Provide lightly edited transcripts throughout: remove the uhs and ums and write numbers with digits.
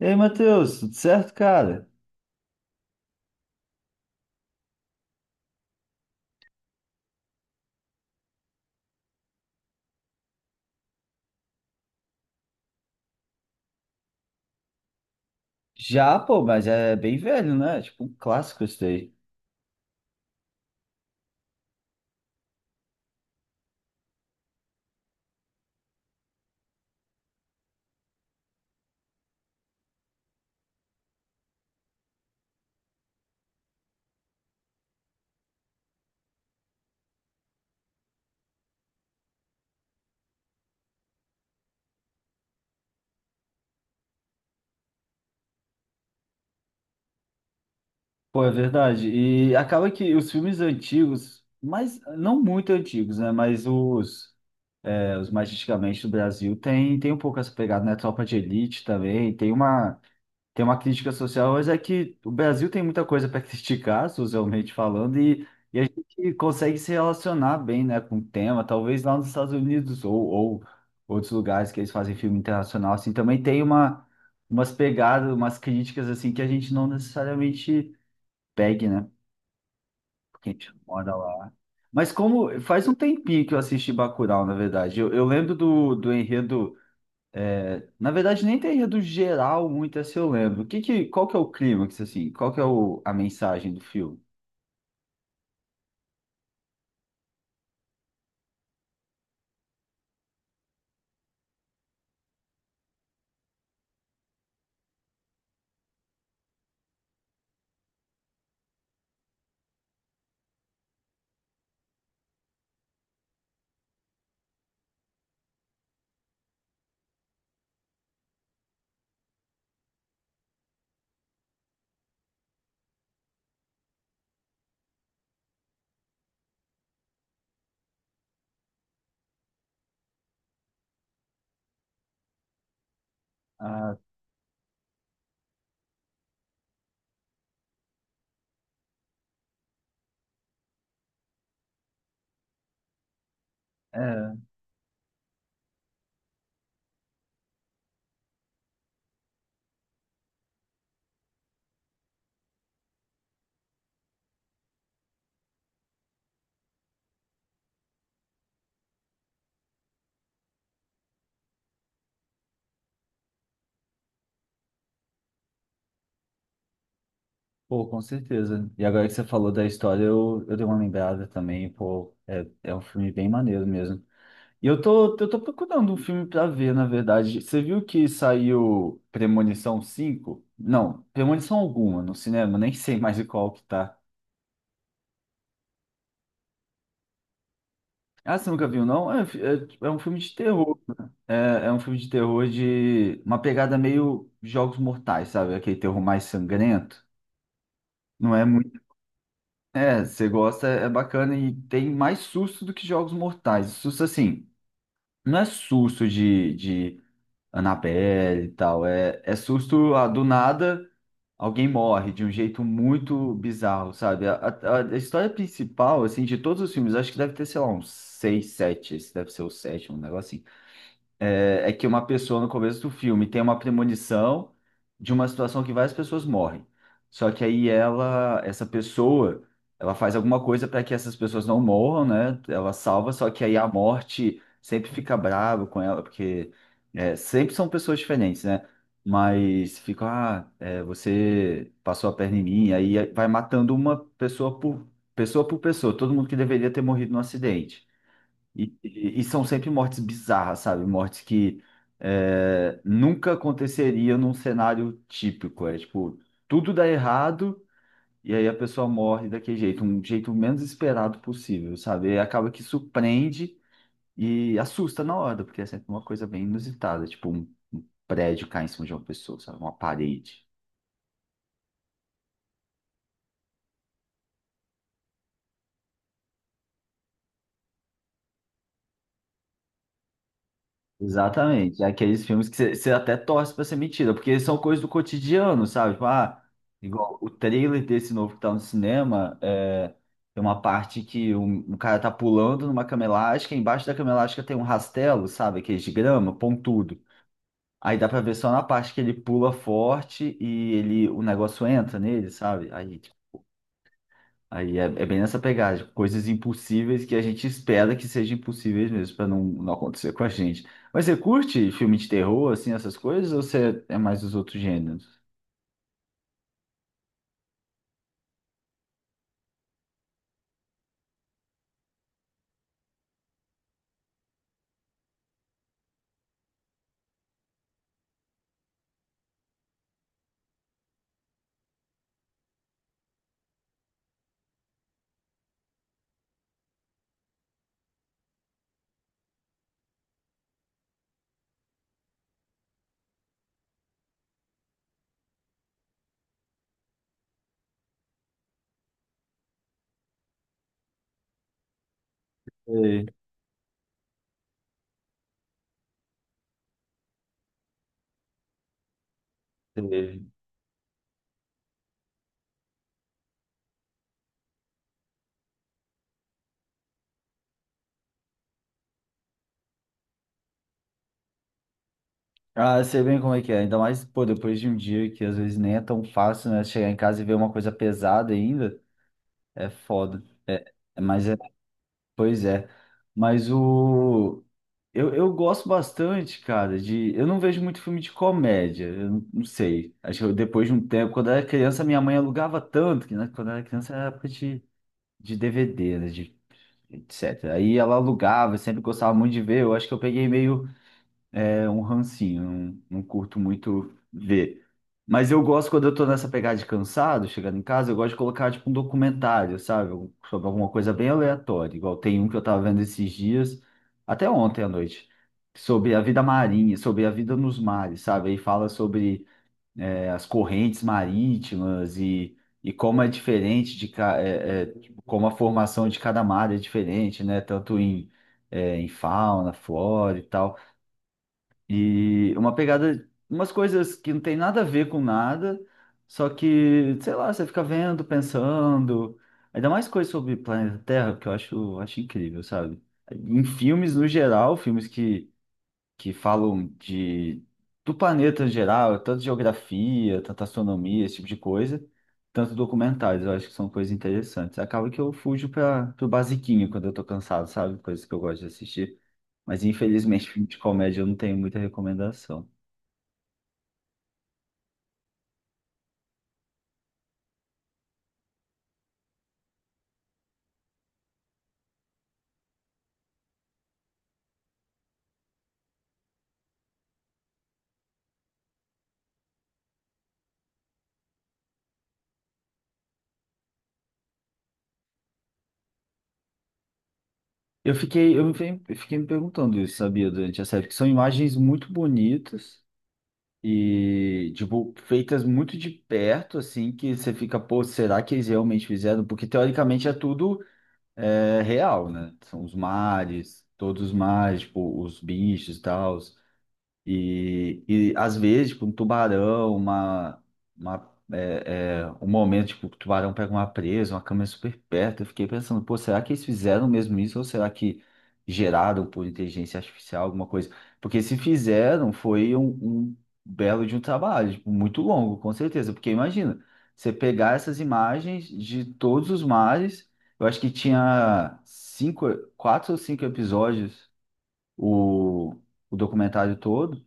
E aí, Matheus, tudo certo, cara? Já, pô, mas é bem velho, né? Tipo, um clássico esse daí. Pô, é verdade. E acaba que os filmes antigos, mas não muito antigos, né? Mas os mais antigamente do Brasil tem um pouco essa pegada, né? Tropa de Elite também, Tem uma crítica social, mas é que o Brasil tem muita coisa para criticar, socialmente falando, e a gente consegue se relacionar bem, né, com o tema. Talvez lá nos Estados Unidos ou outros lugares que eles fazem filme internacional, assim, também tem umas pegadas, umas críticas, assim, que a gente não necessariamente pegue, né, porque a gente mora lá. Mas como faz um tempinho que eu assisti Bacurau, na verdade. Eu lembro do enredo na verdade, nem teria do geral muito essa eu lembro. Qual que é o clímax, assim? Qual que é a mensagem do filme? Ah, é. Pô, com certeza. E agora que você falou da história, eu dei uma lembrada também. Pô, é um filme bem maneiro mesmo. E eu tô procurando um filme pra ver, na verdade. Você viu que saiu Premonição cinco? Não, Premonição alguma no cinema, nem sei mais de qual que tá. Ah, você nunca viu, não? É um filme de terror. É um filme de terror de uma pegada meio Jogos Mortais, sabe? Aquele terror mais sangrento. Não é muito. É, você gosta, é bacana e tem mais susto do que Jogos Mortais. Susto assim, não é susto de Annabelle e tal. É susto ah, do nada, alguém morre de um jeito muito bizarro, sabe? A história principal, assim, de todos os filmes, acho que deve ter, sei lá, uns seis, sete. Esse deve ser o sétimo, um negócio assim é que uma pessoa no começo do filme tem uma premonição de uma situação que várias pessoas morrem. Só que aí ela, essa pessoa, ela faz alguma coisa para que essas pessoas não morram, né? Ela salva, só que aí a morte sempre fica brava com ela, porque sempre são pessoas diferentes, né? Mas fica, ah, é, você passou a perna em mim, aí vai matando uma pessoa por pessoa por pessoa, todo mundo que deveria ter morrido no acidente. E, e são sempre mortes bizarras, sabe? Mortes que nunca aconteceria num cenário típico. É tipo, tudo dá errado e aí a pessoa morre daquele jeito, um jeito menos esperado possível, sabe? E acaba que surpreende e assusta na hora, porque é sempre uma coisa bem inusitada, tipo um prédio cair em cima de uma pessoa, sabe? Uma parede. Exatamente. É aqueles filmes que você até torce pra ser mentira, porque são coisas do cotidiano, sabe? Tipo, ah, igual o trailer desse novo que tá no cinema, é, tem uma parte que um cara tá pulando numa cama elástica, embaixo da cama elástica tem um rastelo, sabe? Aqueles de grama, pontudo. Aí dá pra ver só na parte que ele pula forte e ele, o negócio entra nele, sabe? Aí é bem nessa pegada, tipo, coisas impossíveis que a gente espera que sejam impossíveis mesmo, pra não acontecer com a gente. Mas você curte filme de terror, assim, essas coisas, ou você é mais dos outros gêneros? Sei, sei. Ah, sei bem como é que é. Ainda mais, pô, depois de um dia que às vezes nem é tão fácil, né? Chegar em casa e ver uma coisa pesada ainda, é foda. Mas é Pois é, mas eu gosto bastante, cara, de eu não vejo muito filme de comédia, eu não sei. Acho que eu, depois de um tempo, quando eu era criança, minha mãe alugava tanto, que né, quando eu era criança era época de, DVD, né, de etc. Aí ela alugava, eu sempre gostava muito de ver. Eu acho que eu peguei meio um rancinho, não curto muito ver. Mas eu gosto quando eu tô nessa pegada de cansado, chegando em casa, eu gosto de colocar tipo um documentário, sabe? Sobre alguma coisa bem aleatória. Igual tem um que eu tava vendo esses dias, até ontem à noite, sobre a vida marinha, sobre a vida nos mares, sabe? Aí fala sobre as correntes marítimas e como é diferente de ca- é, é, tipo, como a formação de cada mar é diferente, né? Tanto em fauna, flora e tal. E uma pegada, umas coisas que não tem nada a ver com nada, só que, sei lá, você fica vendo, pensando. Ainda mais coisas sobre planeta Terra, que eu acho, acho incrível, sabe? Em filmes no geral, filmes que falam de, do planeta em geral, tanto geografia, tanto astronomia, esse tipo de coisa, tanto documentários, eu acho que são coisas interessantes. Acaba que eu fujo para o basiquinho quando eu tô cansado, sabe? Coisas que eu gosto de assistir. Mas infelizmente filme de comédia eu não tenho muita recomendação. Eu fiquei me perguntando isso, sabia, durante a série, porque são imagens muito bonitas e, tipo, feitas muito de perto, assim, que você fica, pô, será que eles realmente fizeram? Porque teoricamente é tudo real, né? São os mares, todos os mares, tipo, os bichos e tal. E às vezes, tipo, um tubarão, um momento, tipo, o tubarão pega uma presa, uma câmera super perto. Eu fiquei pensando, pô, será que eles fizeram mesmo isso ou será que geraram por inteligência artificial alguma coisa? Porque se fizeram, foi um, um belo de um trabalho, tipo, muito longo, com certeza. Porque imagina, você pegar essas imagens de todos os mares, eu acho que tinha cinco, quatro ou cinco episódios o, o documentário todo.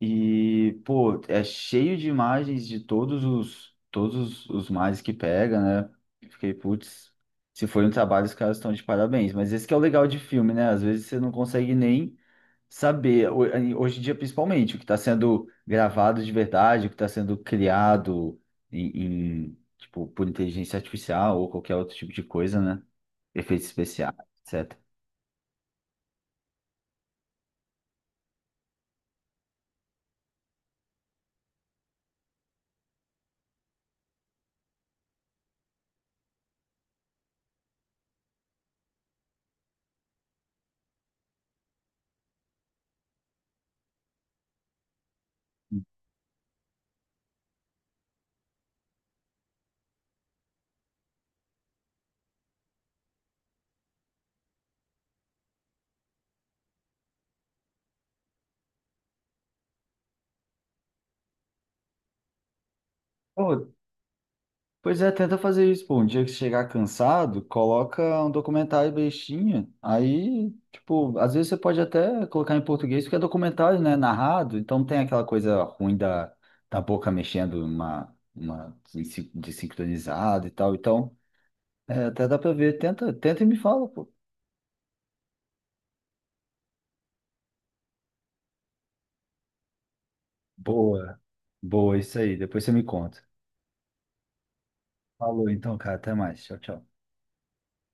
E, pô, é cheio de imagens de todos os mares que pega, né? Eu fiquei, putz, se foi um trabalho, os caras estão de parabéns. Mas esse que é o legal de filme, né? Às vezes você não consegue nem saber, hoje em dia principalmente, o que está sendo gravado de verdade, o que está sendo criado em, tipo, por inteligência artificial ou qualquer outro tipo de coisa, né? Efeitos especiais, etc. Pois é, tenta fazer isso, pô. Um dia que você chegar cansado, coloca um documentário bestinha. Aí, tipo, às vezes você pode até colocar em português, porque é documentário, né? Narrado, então não tem aquela coisa ruim da, da boca mexendo uma desincronizada e tal. Então, até dá pra ver. Tenta, tenta e me fala, pô. Boa, boa, isso aí. Depois você me conta. Falou então, cara. Até mais. Tchau, tchau.